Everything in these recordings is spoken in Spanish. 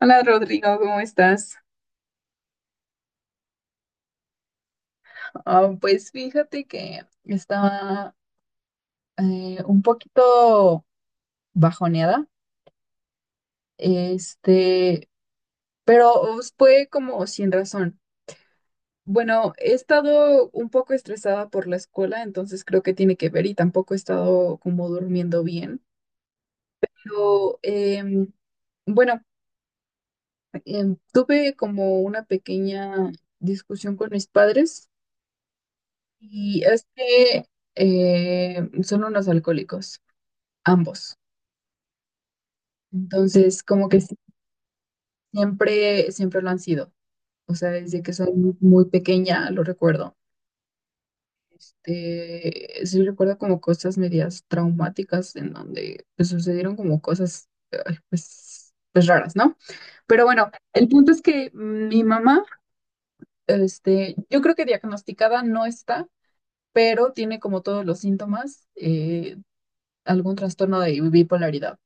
Hola Rodrigo, ¿cómo estás? Ah, pues fíjate que estaba un poquito bajoneada, este, pero pues, fue como sin razón. Bueno, he estado un poco estresada por la escuela, entonces creo que tiene que ver y tampoco he estado como durmiendo bien. Pero bueno, tuve como una pequeña discusión con mis padres y es que son unos alcohólicos. Ambos. Entonces, como que sí, siempre, siempre lo han sido. O sea, desde que soy muy, muy pequeña lo recuerdo. Sí recuerdo como cosas medias traumáticas en donde pues, sucedieron como cosas ay, pues raras, ¿no? Pero bueno, el punto es que mi mamá, yo creo que diagnosticada no está, pero tiene como todos los síntomas, algún trastorno de bipolaridad.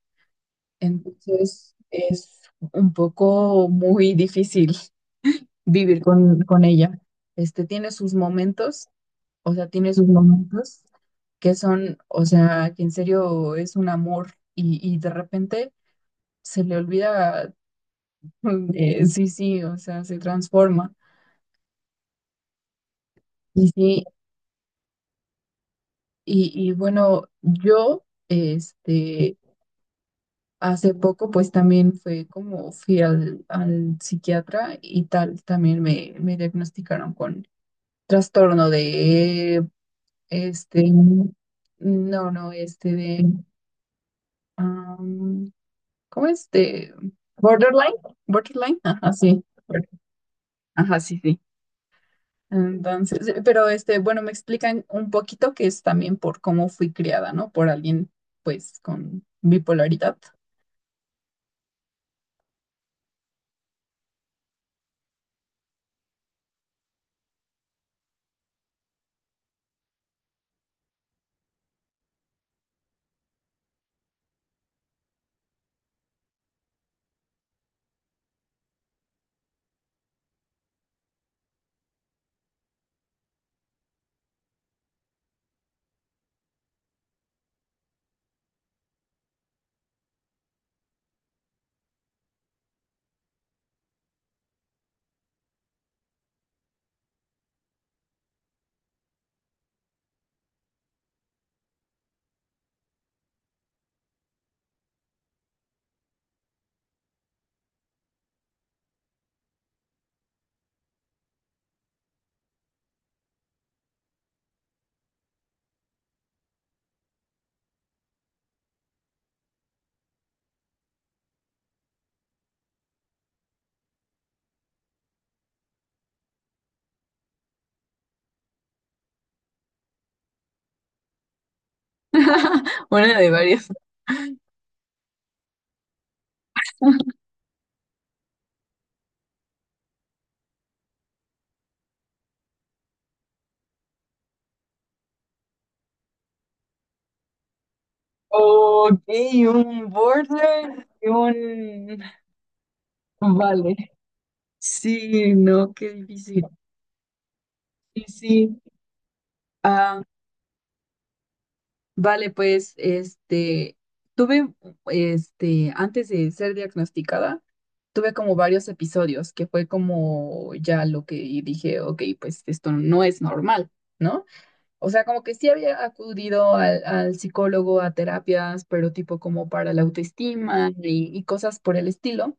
Entonces, es un poco muy difícil vivir con ella. Tiene sus momentos, o sea, tiene sus momentos que son, o sea, que en serio es un amor y de repente se le olvida, sí, sí, o sea, se transforma. Y sí, y bueno, yo, este, hace poco pues también fue como fui al psiquiatra y tal, también me diagnosticaron con trastorno de Este, no, no, de, am, ¿cómo es? De Borderline, Borderline, ajá, sí, ajá, sí, sí. Entonces, pero bueno, me explican un poquito que es también por cómo fui criada, ¿no? Por alguien, pues, con bipolaridad. Una de varias. Ok, un border y un. Vale. Sí, no, qué difícil. Sí, sí. Vale, pues, tuve, antes de ser diagnosticada, tuve como varios episodios que fue como ya lo que dije, ok, pues esto no es normal, ¿no? O sea, como que sí había acudido al psicólogo a terapias, pero tipo como para la autoestima y cosas por el estilo,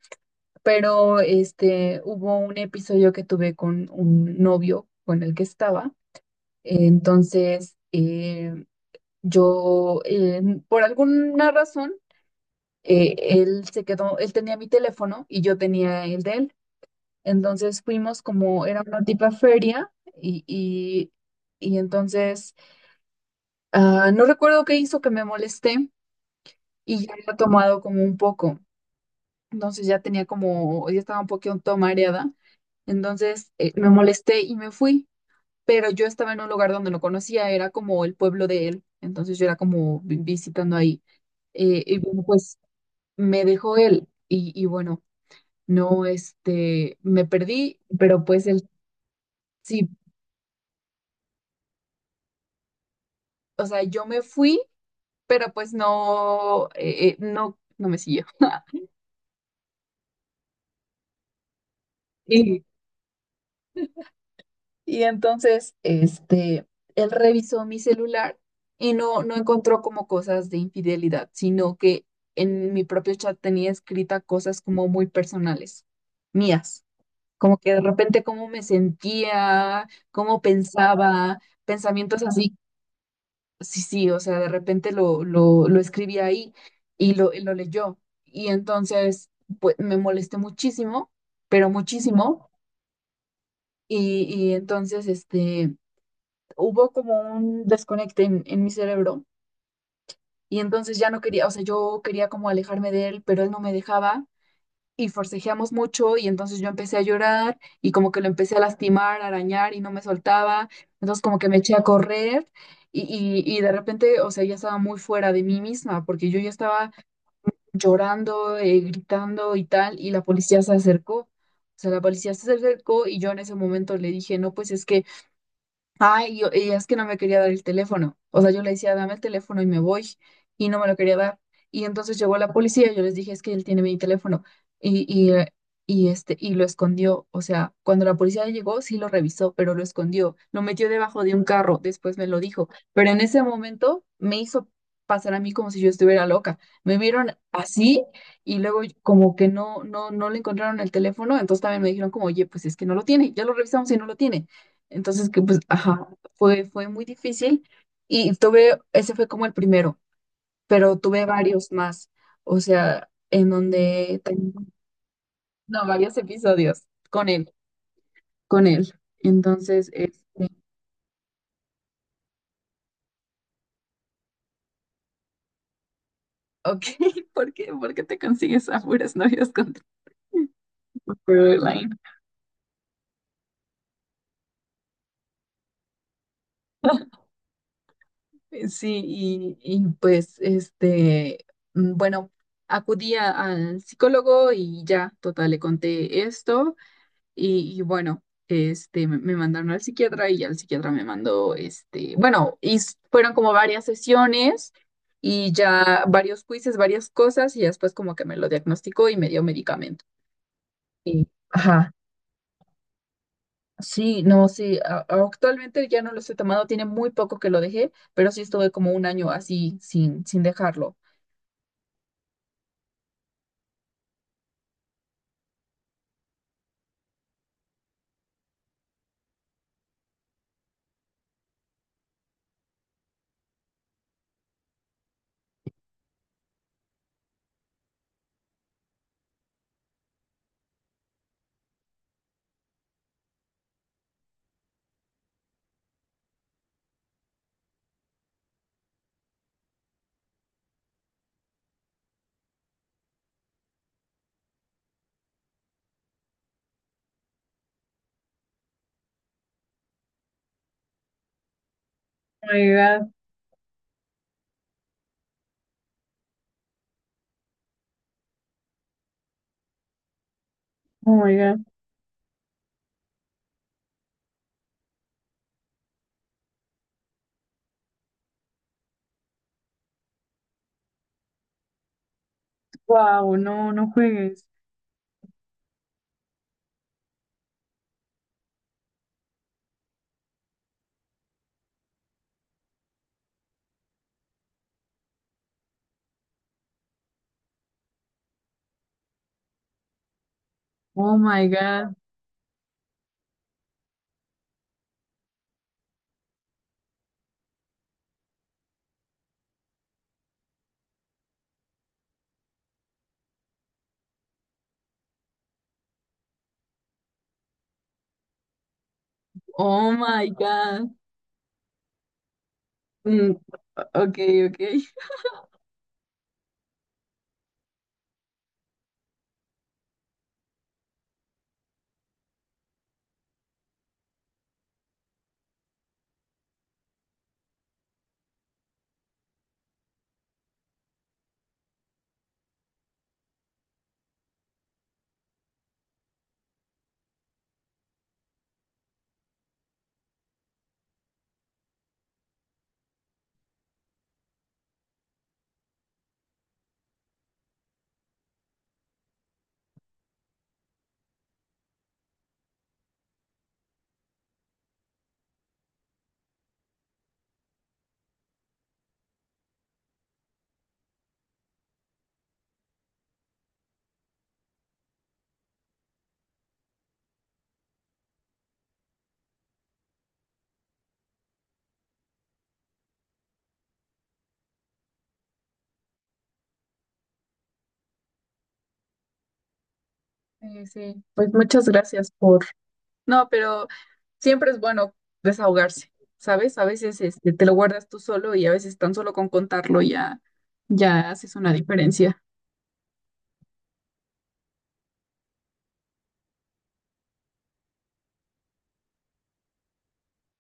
pero hubo un episodio que tuve con un novio con el que estaba, entonces yo, por alguna razón, él se quedó, él tenía mi teléfono y yo tenía el de él. Entonces fuimos como, era una tipa feria y, y, y entonces no recuerdo qué hizo que me molesté y ya había tomado como un poco. Entonces ya tenía como, ya estaba un poquito mareada. Entonces me molesté y me fui, pero yo estaba en un lugar donde no conocía, era como el pueblo de él. Entonces yo era como visitando ahí. Y bueno, pues me dejó él y bueno, no, me perdí, pero pues él sí, o sea, yo me fui, pero pues no, no, no me siguió. Y, y entonces, él revisó mi celular y no, no encontró como cosas de infidelidad, sino que en mi propio chat tenía escrita cosas como muy personales, mías. Como que de repente cómo me sentía, cómo pensaba, pensamientos así. Sí, sí, o sea, de repente lo escribí ahí y lo leyó. Y entonces, pues, me molesté muchísimo, pero muchísimo. Y entonces, hubo como un desconecte en mi cerebro. Y entonces ya no quería, o sea, yo quería como alejarme de él, pero él no me dejaba. Y forcejeamos mucho y entonces yo empecé a llorar y como que lo empecé a lastimar, a arañar y no me soltaba, entonces como que me eché a correr y, y de repente, o sea, ya estaba muy fuera de mí misma porque yo ya estaba llorando, gritando y tal y la policía se acercó. O sea, la policía se acercó y yo en ese momento le dije, no, pues es que ay, yo, y es que no me quería dar el teléfono. O sea, yo le decía, dame el teléfono y me voy. Y no me lo quería dar. Y entonces llegó la policía y yo les dije, es que él tiene mi teléfono. Y, y, eh, y lo escondió. O sea, cuando la policía llegó, sí lo revisó, pero lo escondió. Lo metió debajo de un carro. Después me lo dijo. Pero en ese momento me hizo pasar a mí como si yo estuviera loca. Me vieron así y luego como que no, no, no le encontraron el teléfono. Entonces también me dijeron como, oye, pues es que no lo tiene. Ya lo revisamos y no lo tiene. Entonces, que pues, ajá, fue muy difícil y tuve, ese fue como el primero, pero tuve varios más, o sea, en donde, no, varios episodios con él, con él. Entonces, ok, ¿por qué te consigues a puras novias con Caroline? Sí, y, pues, bueno, acudí al psicólogo y ya, total, le conté esto. Y bueno, me mandaron al psiquiatra y ya el psiquiatra me mandó, bueno, y fueron como varias sesiones y ya varios quizzes, varias cosas y ya después como que me lo diagnosticó y me dio medicamento. Y, ajá, sí, no, sí, actualmente ya no lo estoy tomando, tiene muy poco que lo dejé, pero sí estuve como un año así sin dejarlo. Oh my God, oh my God. Wow, no, no juegues. Oh my God. Oh my God. Mm, ok, ok. Sí, sí, pues muchas gracias por. No, pero siempre es bueno desahogarse, ¿sabes? A veces te lo guardas tú solo y a veces tan solo con contarlo ya, ya haces una diferencia.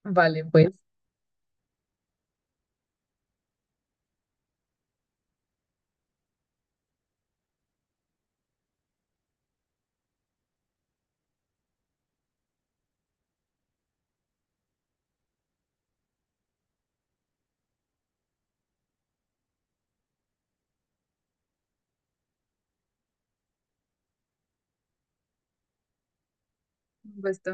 Vale, pues. Un gusto.